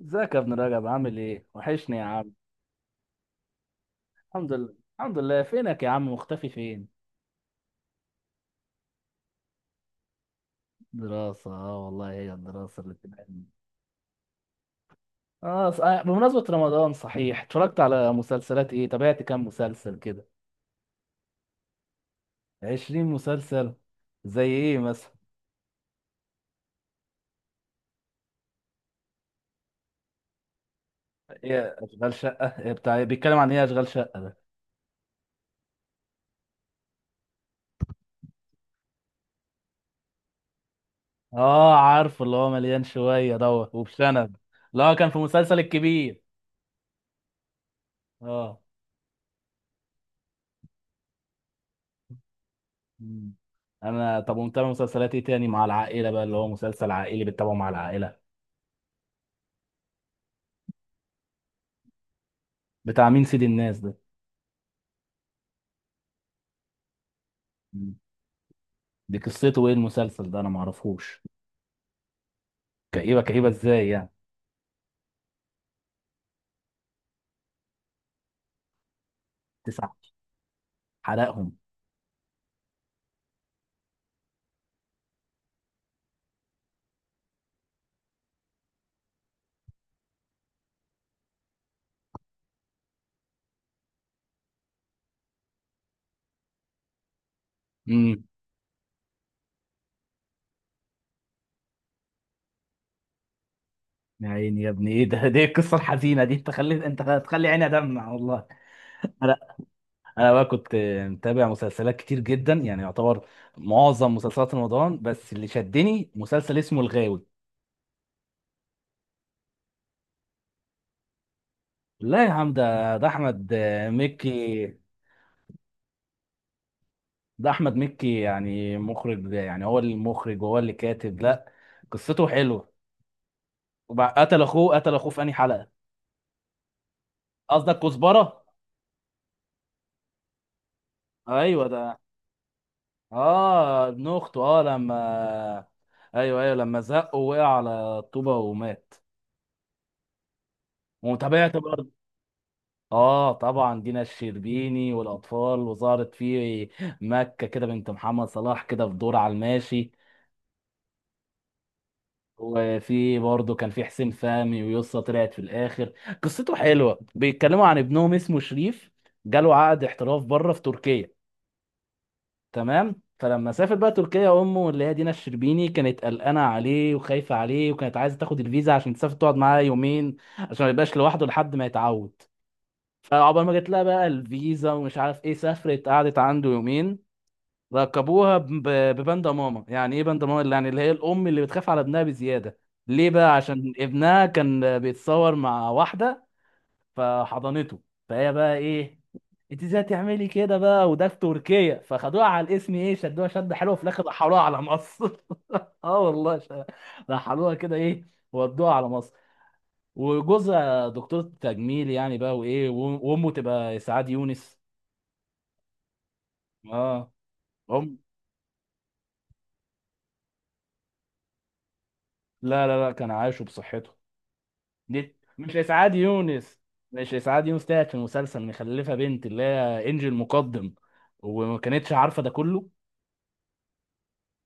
ازيك يا ابن رجب؟ عامل ايه؟ وحشني يا عم. الحمد لله الحمد لله، فينك يا عم؟ مختفي فين؟ دراسة، اه والله هي الدراسة اللي بتبقى. بمناسبة رمضان صحيح، اتفرجت على مسلسلات ايه؟ تابعت كام مسلسل كده؟ 20 مسلسل. زي ايه مثلا؟ ايه اشغال شقة؟ إيه بتاع، بيتكلم عن ايه اشغال شقة؟ اه عارف، اللي هو مليان شوية دوت وبشنب. اللي هو كان في مسلسل الكبير. اه. مم. انا طب، ومتابع مسلسلات ايه تاني مع العائلة بقى، اللي هو مسلسل عائلي بتتابعه مع العائلة. بتاع مين سيد الناس ده؟ مم. دي قصته ايه المسلسل ده؟ انا معرفوش. كئيبه، كئيبه ازاي يعني؟ تسع. حلقهم. امم يا عيني يا ابني، ايه ده، دي القصه الحزينه دي؟ انت خليت، انت هتخلي عيني ادمع والله. انا انا بقى كنت متابع مسلسلات كتير جدا يعني، يعتبر معظم مسلسلات رمضان، بس اللي شدني مسلسل اسمه الغاوي. لا يا عم، ده احمد مكي. ده احمد مكي، يعني مخرج، يعني هو المخرج وهو اللي كاتب. لا، قصته حلوه. قتل اخوه، قتل اخوه في انهي حلقه؟ قصدك كزبره؟ ايوه ده. اه ابن اخته، اه لما. ايوه ايوه لما زق ووقع على الطوبه ومات. وتابعت برضه؟ اه طبعا، دينا الشربيني والاطفال، وظهرت في مكه كده بنت محمد صلاح كده في دور على الماشي. وفي برضه كان في حسين فهمي، ويسطا طلعت في الاخر. قصته حلوه، بيتكلموا عن ابنهم اسمه شريف، جاله عقد احتراف بره في تركيا. تمام، فلما سافر بقى تركيا، امه اللي هي دينا الشربيني كانت قلقانه عليه وخايفه عليه، وكانت عايزه تاخد الفيزا عشان تسافر تقعد معاه يومين، عشان ما يبقاش لوحده لحد ما يتعود. فعقبال ما جت لها بقى الفيزا ومش عارف ايه، سافرت قعدت عنده يومين. ركبوها بباندا ماما. يعني ايه باندا ماما؟ يعني اللي هي الام اللي بتخاف على ابنها بزياده. ليه بقى؟ عشان ابنها كان بيتصور مع واحده، فحضنته. فهي بقى ايه، انت ازاي تعملي كده بقى؟ وده في تركيا. فخدوها على الاسم ايه، شدوها شد حلوه في الاخر، رحلوها على مصر. اه والله ش- رحلوها كده ايه، ودوها على مصر. وجوزها دكتور تجميل يعني بقى، وامه تبقى اسعاد يونس. اه ام لا لا لا، كان عايشه بصحته. دي مش اسعاد يونس. مش اسعاد يونس تاعت في المسلسل، مخلفه بنت اللي هي انجي المقدم. وما كانتش عارفه ده كله.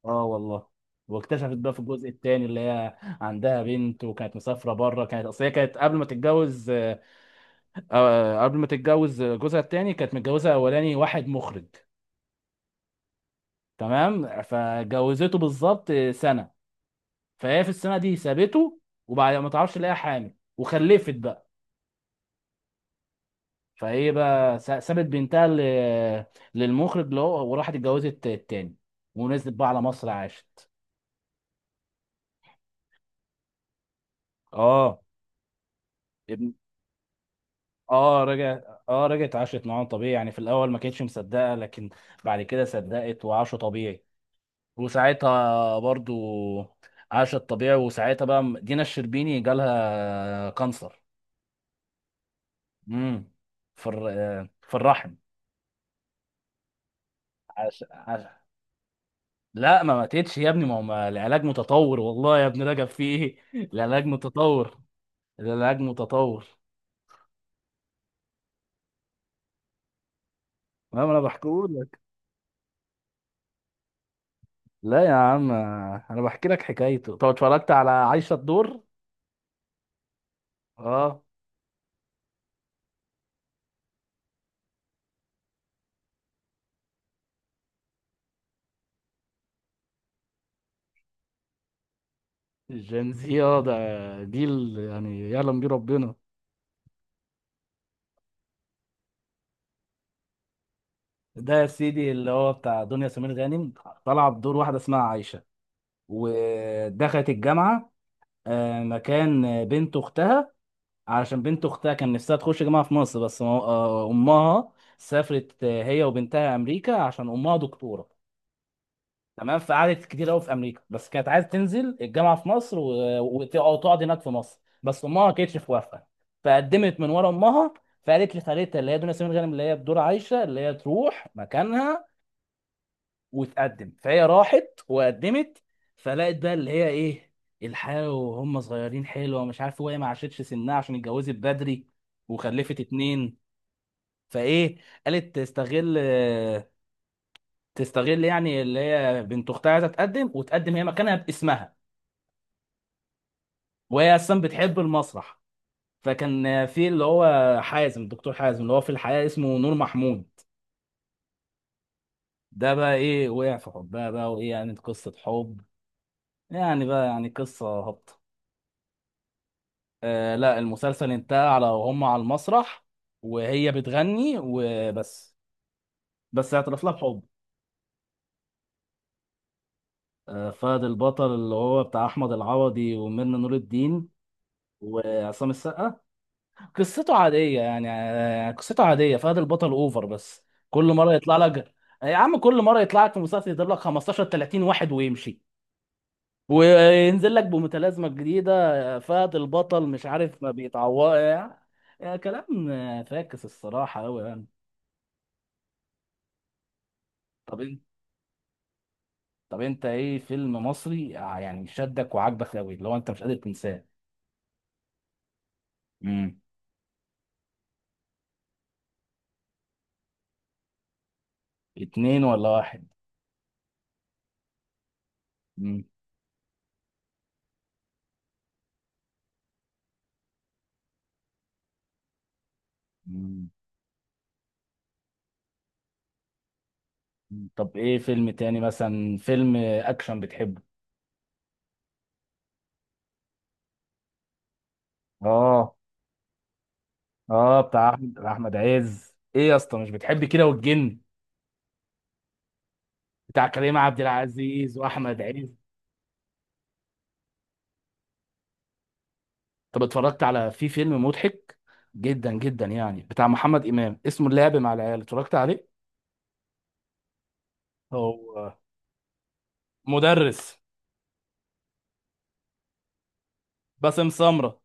اه والله. واكتشفت بقى في الجزء الثاني اللي هي عندها بنت، وكانت مسافره بره. كانت اصل هي كانت قبل ما تتجوز قبل ما تتجوز جوزها الثاني كانت متجوزه اولاني واحد مخرج. تمام، فجوزته بالظبط سنه. فهي في السنه دي سابته. وبعد ما تعرفش لقاها حامل وخلفت بقى. فهي بقى سابت بنتها للمخرج اللي هو، وراحت اتجوزت التاني. ونزلت بقى على مصر عاشت. اه. رجعت عاشت معاهم طبيعي، يعني في الاول ما كانتش مصدقه، لكن بعد كده صدقت وعاشوا طبيعي. وساعتها برضو عاشت طبيعي، وساعتها بقى دينا الشربيني جالها كانسر. امم. في الرحم. عش... عش... لا، ما ماتتش يا ابني، ما هو العلاج متطور والله، يا ابني رجب في ايه. العلاج متطور. العلاج متطور. ما انا بحكيهولك. لا يا عم، انا بحكي لك حكايته. طب اتفرجت على عايشة الدور؟ اه. الجنزية ده جيل يعني، يعلم بيه ربنا. ده يا سيدي اللي هو بتاع دنيا سمير غانم، طلع بدور واحدة اسمها عايشة، ودخلت الجامعة مكان بنت أختها. علشان بنت أختها كان نفسها تخش جامعة في مصر، بس ما- آه، أمها سافرت هي وبنتها أمريكا، عشان أمها دكتورة. تمام، فقعدت كتير قوي في امريكا، بس كانت عايزه تنزل الجامعه في مصر أو تقعد هناك في مصر، بس امها ما كانتش موافقه. فقدمت من ورا امها. فقالت لخالتها اللي هي دنيا سمير غانم اللي هي بدور عايشه اللي هي تروح مكانها وتقدم. فهي راحت وقدمت. فلقت بقى اللي هي ايه، الحياه وهم صغيرين حلوه ومش عارف، وهي ما عاشتش سنها عشان اتجوزت بدري وخلفت اتنين. فايه، قالت تستغل، تستغل يعني اللي هي بنت اختها عايزه تقدم، وتقدم هي مكانها باسمها. وهي اصلا بتحب المسرح. فكان في اللي هو حازم، الدكتور حازم اللي هو في الحقيقه اسمه نور محمود. ده بقى ايه وقع في حبها بقى وايه يعني، قصه حب، يعني بقى يعني قصه هابطه. آه لا، المسلسل انتهى على وهم على المسرح وهي بتغني وبس. بس اعترف لها بحب. آه، فهد البطل اللي هو بتاع احمد العوضي وميرنا نور الدين وعصام السقا. قصته عادية يعني، قصته عادية. فهد البطل اوفر بس. كل مرة يطلع لك، يا عم كل مرة يطلع لك في مسلسل، يضرب لك 15 30 واحد ويمشي، وينزل لك بمتلازمة جديدة. فهد البطل مش عارف ما بيتعوض يعني. يعني كلام فاكس الصراحة أوي يعني. طب انت طب انت ايه فيلم مصري يعني شدك وعجبك أوي اللي هو انت مش قادر تنساه؟ امم اتنين ولا واحد؟ امم أمم. طب ايه فيلم تاني مثلا، فيلم اكشن بتحبه؟ اه. اه بتاع أحمد عز، ايه يا اسطى مش بتحب كده، والجن بتاع كريم عبد العزيز واحمد عز. طب اتفرجت على، في فيلم مضحك جدا جدا يعني بتاع محمد امام اسمه اللعب مع العيال، اتفرجت عليه؟ هو مدرس. باسم سمرة.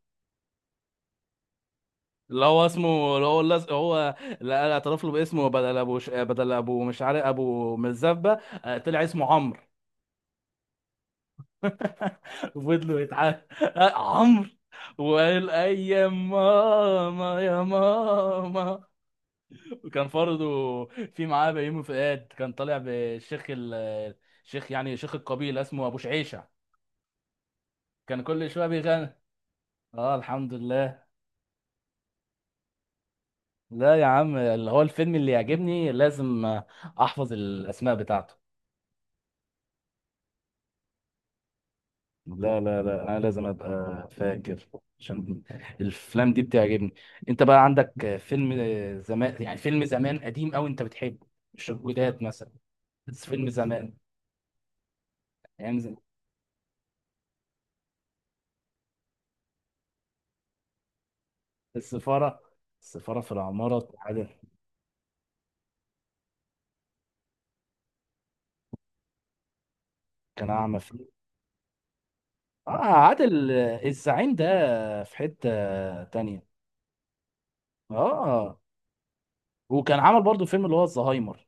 اللي هو اسمه، اللي هو هو اللي اعترف له باسمه بدل بدل ابو، مش عارف، ابو مزبه. طلع اسمه عمرو. وفضلوا يتعاملوا عمرو. وقال اي يا ماما يا ماما. وكان برضه في معاه بيومي فؤاد، كان طالع بالشيخ الشيخ يعني، شيخ القبيله اسمه ابو شعيشه. كان كل شويه بيغني. اه الحمد لله. لا يا عم، اللي هو الفيلم اللي يعجبني لازم احفظ الاسماء بتاعته. لا لا لا، انا لازم ابقى فاكر، عشان الافلام دي بتعجبني. انت بقى عندك فيلم زمان يعني، فيلم زمان قديم قوي انت بتحبه؟ مش الجداد مثلا، بس فيلم زمان. ايام زمان. السفاره. السفاره في العماره. عادل. كان اعمى فيه. اه. عادل الزعيم ده في حته تانية. اه. وكان عمل برضو فيلم اللي هو الزهايمر.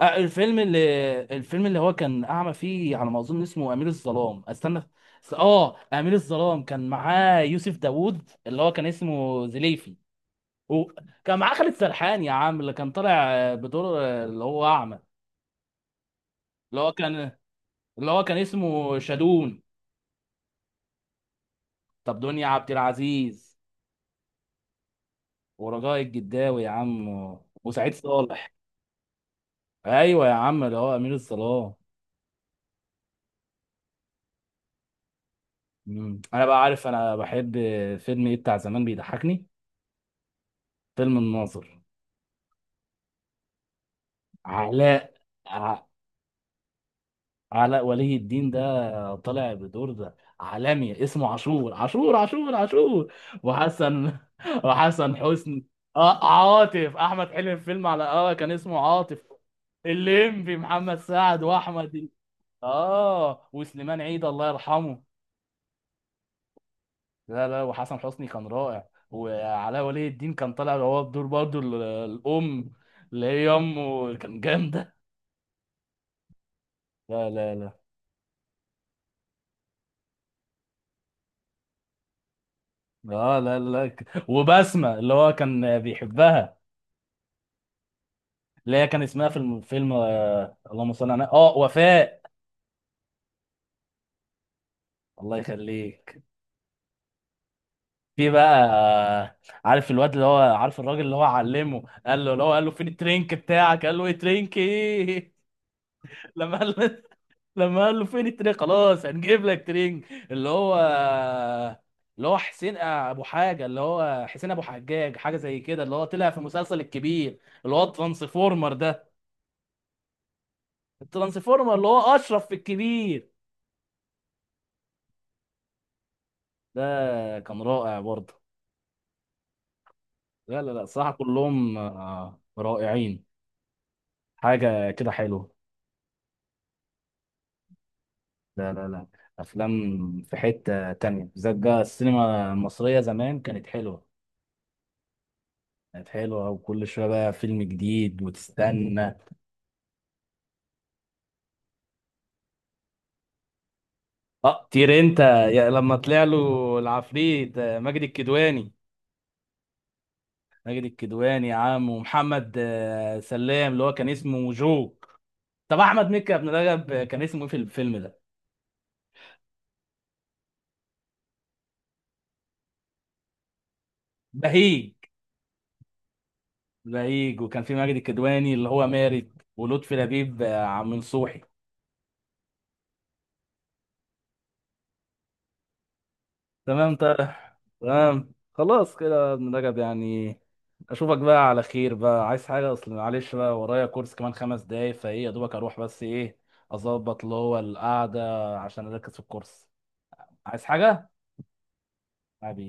الفيلم، اللي هو كان اعمى فيه على ما اظن اسمه امير الظلام. استنى اه، امير الظلام كان معاه يوسف داوود اللي هو كان اسمه زليفي. وكان معاه خالد سرحان يا عم، اللي كان طالع بدور اللي هو اعمى، اللي هو كان اللي هو كان اسمه شادون. طب دنيا عبد العزيز، ورجاء الجداوي يا عم، وسعيد صالح. ايوه يا عم، اللي هو امير الظلام. انا بقى عارف، انا بحب فيلم ايه بتاع زمان بيضحكني؟ فيلم الناظر. علاء ع- علاء ولي الدين. ده طالع بدور ده عالمي اسمه عاشور عاشور عاشور عاشور. وحسن وحسن حسني. اه عاطف، احمد حلمي في فيلم على كان اسمه عاطف. الليمبي، محمد سعد واحمد. اه وسليمان عيد الله يرحمه. لا لا، وحسن حسني كان رائع، وعلاء ولي الدين كان طالع هو بدور برضه الام اللي هي امه كان جامده. لا لا لا. اه لا لا لا وبسمة اللي هو كان بيحبها. اللي هي كان اسمها في الفيلم آه، اللهم صل على، اه وفاء. الله يخليك. في بقى عارف الواد اللي هو، عارف الراجل اللي هو علمه، قال له اللي هو قال له فين الترينك بتاعك؟ قال له ايه ترينك ايه. لما قال له لما قال له فين الترينك، خلاص هنجيب لك ترينك. اللي هو حسين ابو حاجه، اللي هو حسين ابو حجاج، حاجه زي كده، اللي هو طلع في مسلسل الكبير، اللي هو الترانسفورمر ده. الترانسفورمر اللي هو اشرف في الكبير ده، كان رائع برضه. لا لا لا، الصراحه كلهم رائعين. حاجه كده حلوه. لا لا لا، افلام في حته تانية، بالذات بقى السينما المصريه زمان كانت حلوه. كانت حلوه، وكل شويه بقى فيلم جديد وتستنى. اه طير انت، يا لما طلع له العفريت ماجد الكدواني. ماجد الكدواني يا عم، ومحمد سلام اللي هو كان اسمه جو. طب احمد مكي يا ابن رجب، كان اسمه ايه في الفيلم ده؟ بهيج. بهيج، وكان في ماجد الكدواني اللي هو مارد، ولطفي لبيب عم نصوحي. تمام طيب. تمام خلاص كده يا ابن رجب يعني، اشوفك بقى على خير بقى. عايز حاجه؟ اصل معلش بقى ورايا كورس كمان 5 دقايق، فايه يا دوبك اروح، بس ايه اظبط اللي هو القعده، عشان اركز في الكورس. عايز حاجه؟ حبيبي.